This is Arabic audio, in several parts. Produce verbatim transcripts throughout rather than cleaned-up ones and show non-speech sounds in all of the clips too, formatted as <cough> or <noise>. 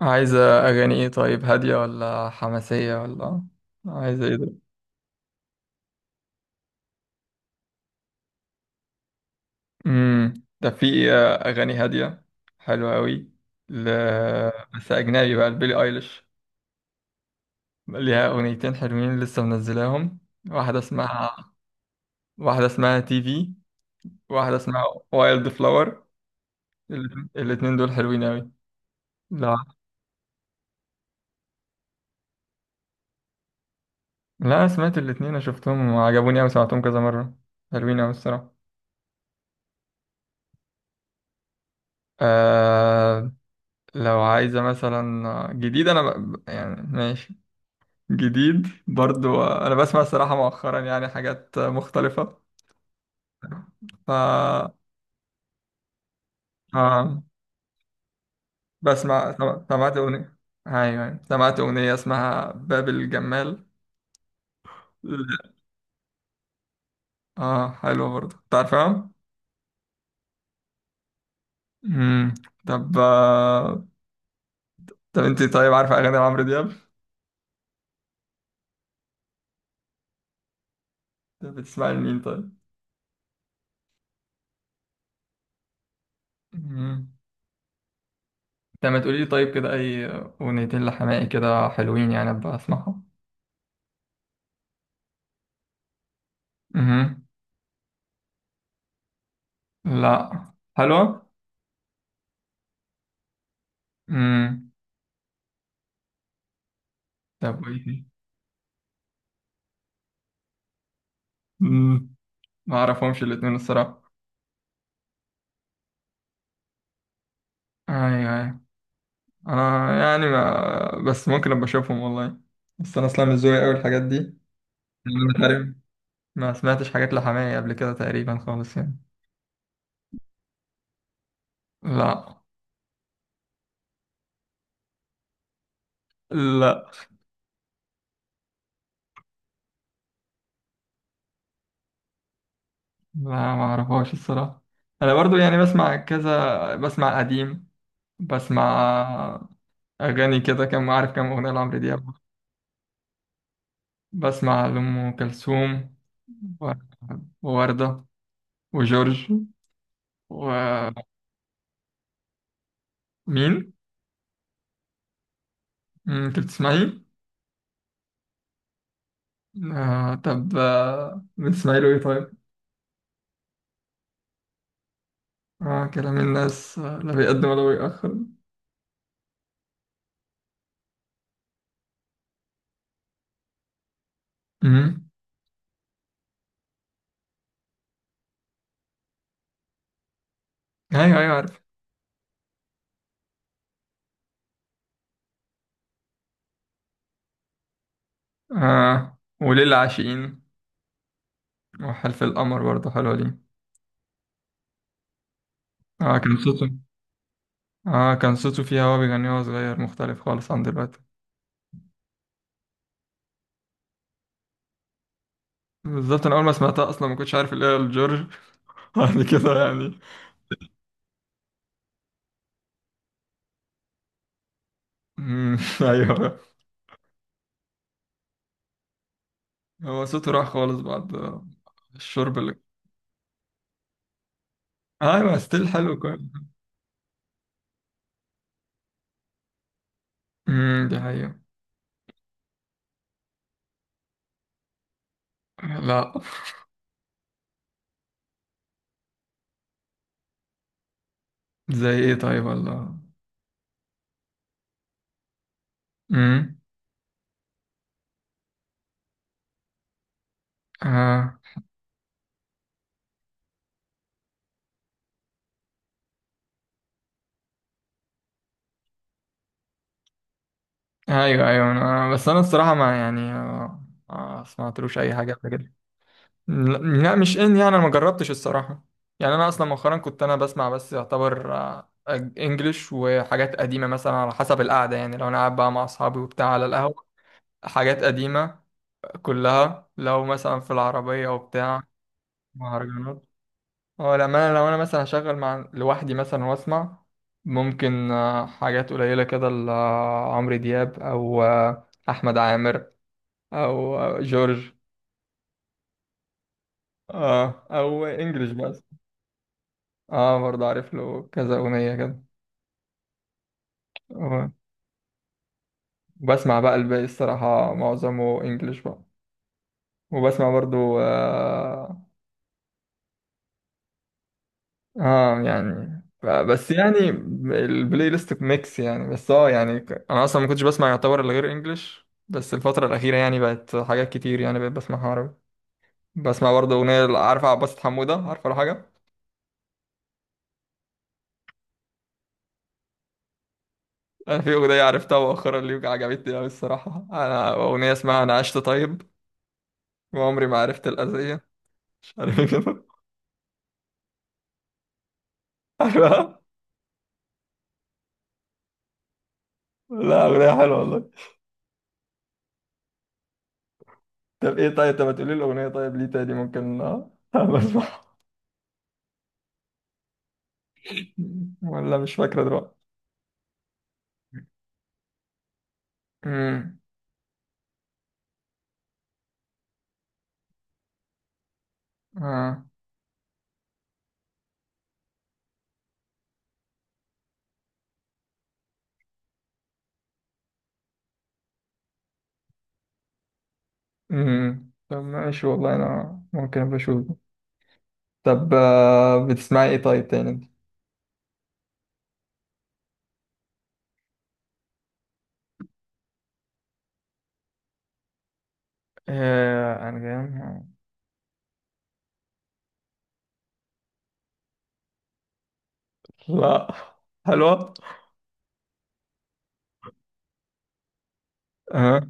عايزة أغاني إيه طيب، هادية ولا حماسية ولا عايزة إيه ده؟ مم. ده في آه، أغاني هادية حلوة أوي. ل... بس أجنبي بقى لبيلي أيليش. ليها أغنيتين حلوين لسه منزلاهم. واحدة اسمها واحدة اسمها تي في. واحدة اسمها وايلد فلاور. الاتنين الاتنين دول حلوين أوي. لا، لا، أنا سمعت الاتنين، أنا شفتهم وعجبوني أوي، سمعتهم كذا مرة. حلوين أوي الصراحة. آه. لو عايزة مثلا جديد، أنا ب... يعني ماشي. جديد برضو أنا بسمع الصراحة مؤخرا يعني حاجات مختلفة. ف آه بسمع سم- سمعت أغنية. أيوة، أيوة. سمعت أغنية اسمها باب الجمال. آه حلوة برضو، أنت عارفها؟ مم. طب آه، طب أنت طيب عارفة أغاني عمرو دياب؟ طب بتسمعي لمين طيب؟ مم. طب ما تقولي لي طيب كده، أي أغنيتين لحماقي كده حلوين يعني أبقى أسمعهم. مهم. لا. حلوة. امم. طب وايه تاني؟ مم. ما اعرفهمش الاتنين الصراحة. ايوه، ايوه، انا يعني ما بس ممكن ابقى اشوفهم والله. بس انا اصلا مش ذوقي اوي الحاجات دي يعني. انا مش عارف، ما سمعتش حاجات لحماية قبل كده تقريبا خالص يعني. لا. لا، لا، ما اعرفهاش الصراحة. انا برضو يعني بسمع كذا، بسمع قديم. بسمع اغاني كده، كم عارف كم اغنية لعمرو دياب. بسمع لأم كلثوم و- ووردة، وجورج، ومين؟ مم، أنت بتسمعي؟ آه طب آه، بتسمعي له إيه طيب؟ آه كلام الناس، آه، لا بيقدم ولا بيأخر. مم. أيوه، أيوه، عارف. آه وليل العاشقين، وحلف القمر برضه حلوة دي. آه كان صوته. آه كان صوته فيها وهو بيغني وهو صغير مختلف خالص عن دلوقتي. بالظبط، أنا أول ما سمعتها أصلا ما كنتش عارف اللي هي الجورج. <laughs> بعد كده يعني. مم، <laughs> أيوه. هو صوته راح خالص بعد الشرب اللي... ايوه، ستيل حلو كويس. امم، دي حقيقة. لا. زي ايه طيب ولا... امم. آه. ايوه، ايوه، انا بس انا الصراحة ما يعني آه، ما سمعتلوش اي حاجة قبل كده. لا، لا، مش ان يعني انا ما جربتش الصراحة. يعني انا اصلا مؤخرا كنت انا بسمع بس يعتبر آه، انجليش وحاجات قديمة، مثلا على حسب القعدة، يعني لو انا قاعد بقى مع اصحابي وبتاع على القهوة. حاجات قديمة كلها، لو مثلا في العربية وبتاع. مهرجانات. هو لما انا لو انا مثلا هشغل مع لوحدي مثلا واسمع، ممكن آه، حاجات قليله كده لعمرو دياب، او آه، احمد عامر، او آه، جورج. اه، او انجلش بس. اه برضه عارف له كذا اغنيه كده. آه، وبسمع بقى الباقي الصراحه معظمه انجلش بقى. وبسمع برضه آه، اه يعني ف- بس يعني البلاي ليست ميكس يعني، بس اه يعني ك- انا اصلا ما كنتش بسمع يعتبر الا غير انجلش، بس الفتره الاخيره يعني بقت حاجات كتير يعني بقيت بسمعها عربي. بسمع برضه اغنيه، عارفه عباس حموده، عارفه ولا حاجه. انا في اغنيه عرفتها مؤخرا اللي عجبتني قوي الصراحه، انا اغنيه اسمها انا عشت طيب وعمري ما عرفت الاذيه، مش عارف ايه كده. <laughs> عارفها. لا اغنيه حلوه والله. طب ايه طيب، طب ما تقولي الاغنيه طيب ليه تاني ممكن آه، <laughs> بسمعها ولا مش فاكره دلوقتي. مم. آه. امم. طب ماشي والله، انا ممكن ابقى اشوفه. طب آه، بتسمعي ايه طيب تاني انت؟ آه انا جاي. لا. حلوة. اه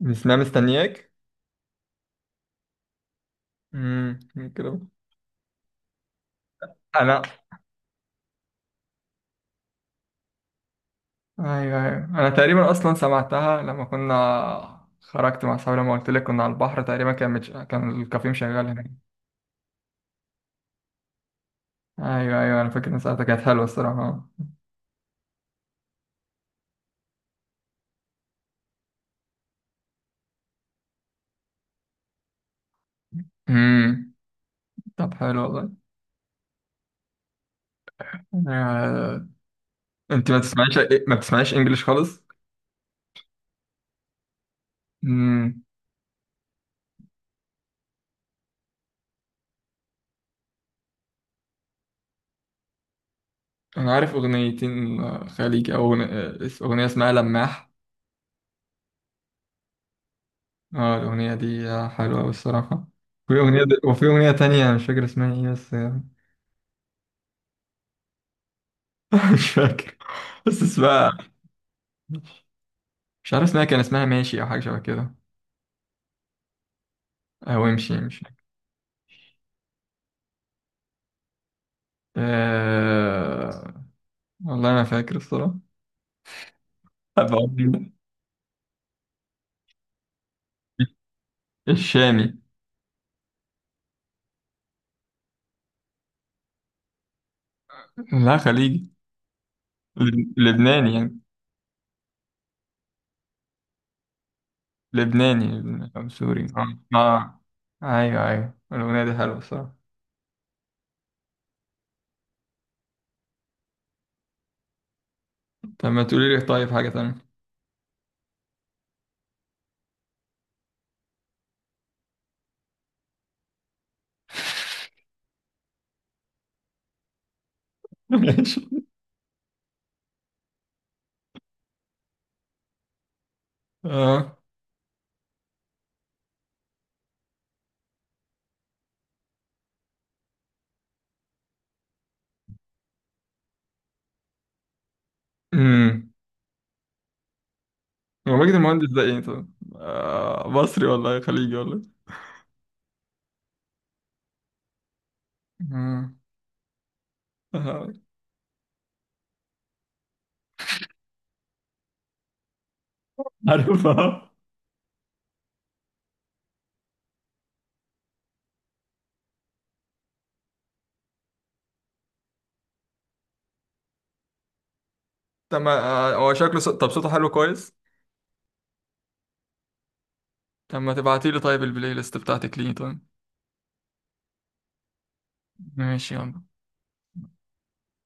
بتسمعي مستنياك. امم، كده. انا... ايوه، ايوه، انا تقريبا اصلا سمعتها لما كنا خرجت مع صحابي، لما قلت لك كنا على البحر تقريبا، كان متش... كان الكافيه مشغل هناك. ايوه، ايوه، انا فاكر ان ساعتها كانت حلوه الصراحه. امم. طب حلو والله. آه... انت ما بتسمعيش. ما بتسمعيش انجليش خالص. امم. انا عارف اغنيتين آه، خليجي، او أغنية، اغنيه اسمها لماح. اه الاغنيه دي آه، حلوه أوي الصراحه. وفي اغنيه د- وفي اغنيه تانية أنا مش فاكر اسمها ايه، بس آه، <laughs> مش فاكر بس اسمها. مش عارف اسمها، كان اسمها ماشي او حاجه شبه كده، او امشي امشي. أه... والله ما فاكر الصراحه، أبقى أقول لك. الشامي. لا خليجي. لب- لبناني يعني. لبناني، لبناني. او سوري اه آه. ايوه، ايوه، الاغنيه دي حلوه الصراحه. طب ما تقولي لي طيب حاجة تانية. <laughs> ماشي. اه. امم. هو ماجد المهندس ده ايه طب؟ آه مصري ولا إيه؟ خليجي ولا إيه؟ آه. آه. عارفها. طب ما... آه، هو شكله ص... طب صوته حلو كويس. طب ما تبعتي لي طيب البلاي ليست بتاعتك ليه طيب. ماشي يلا.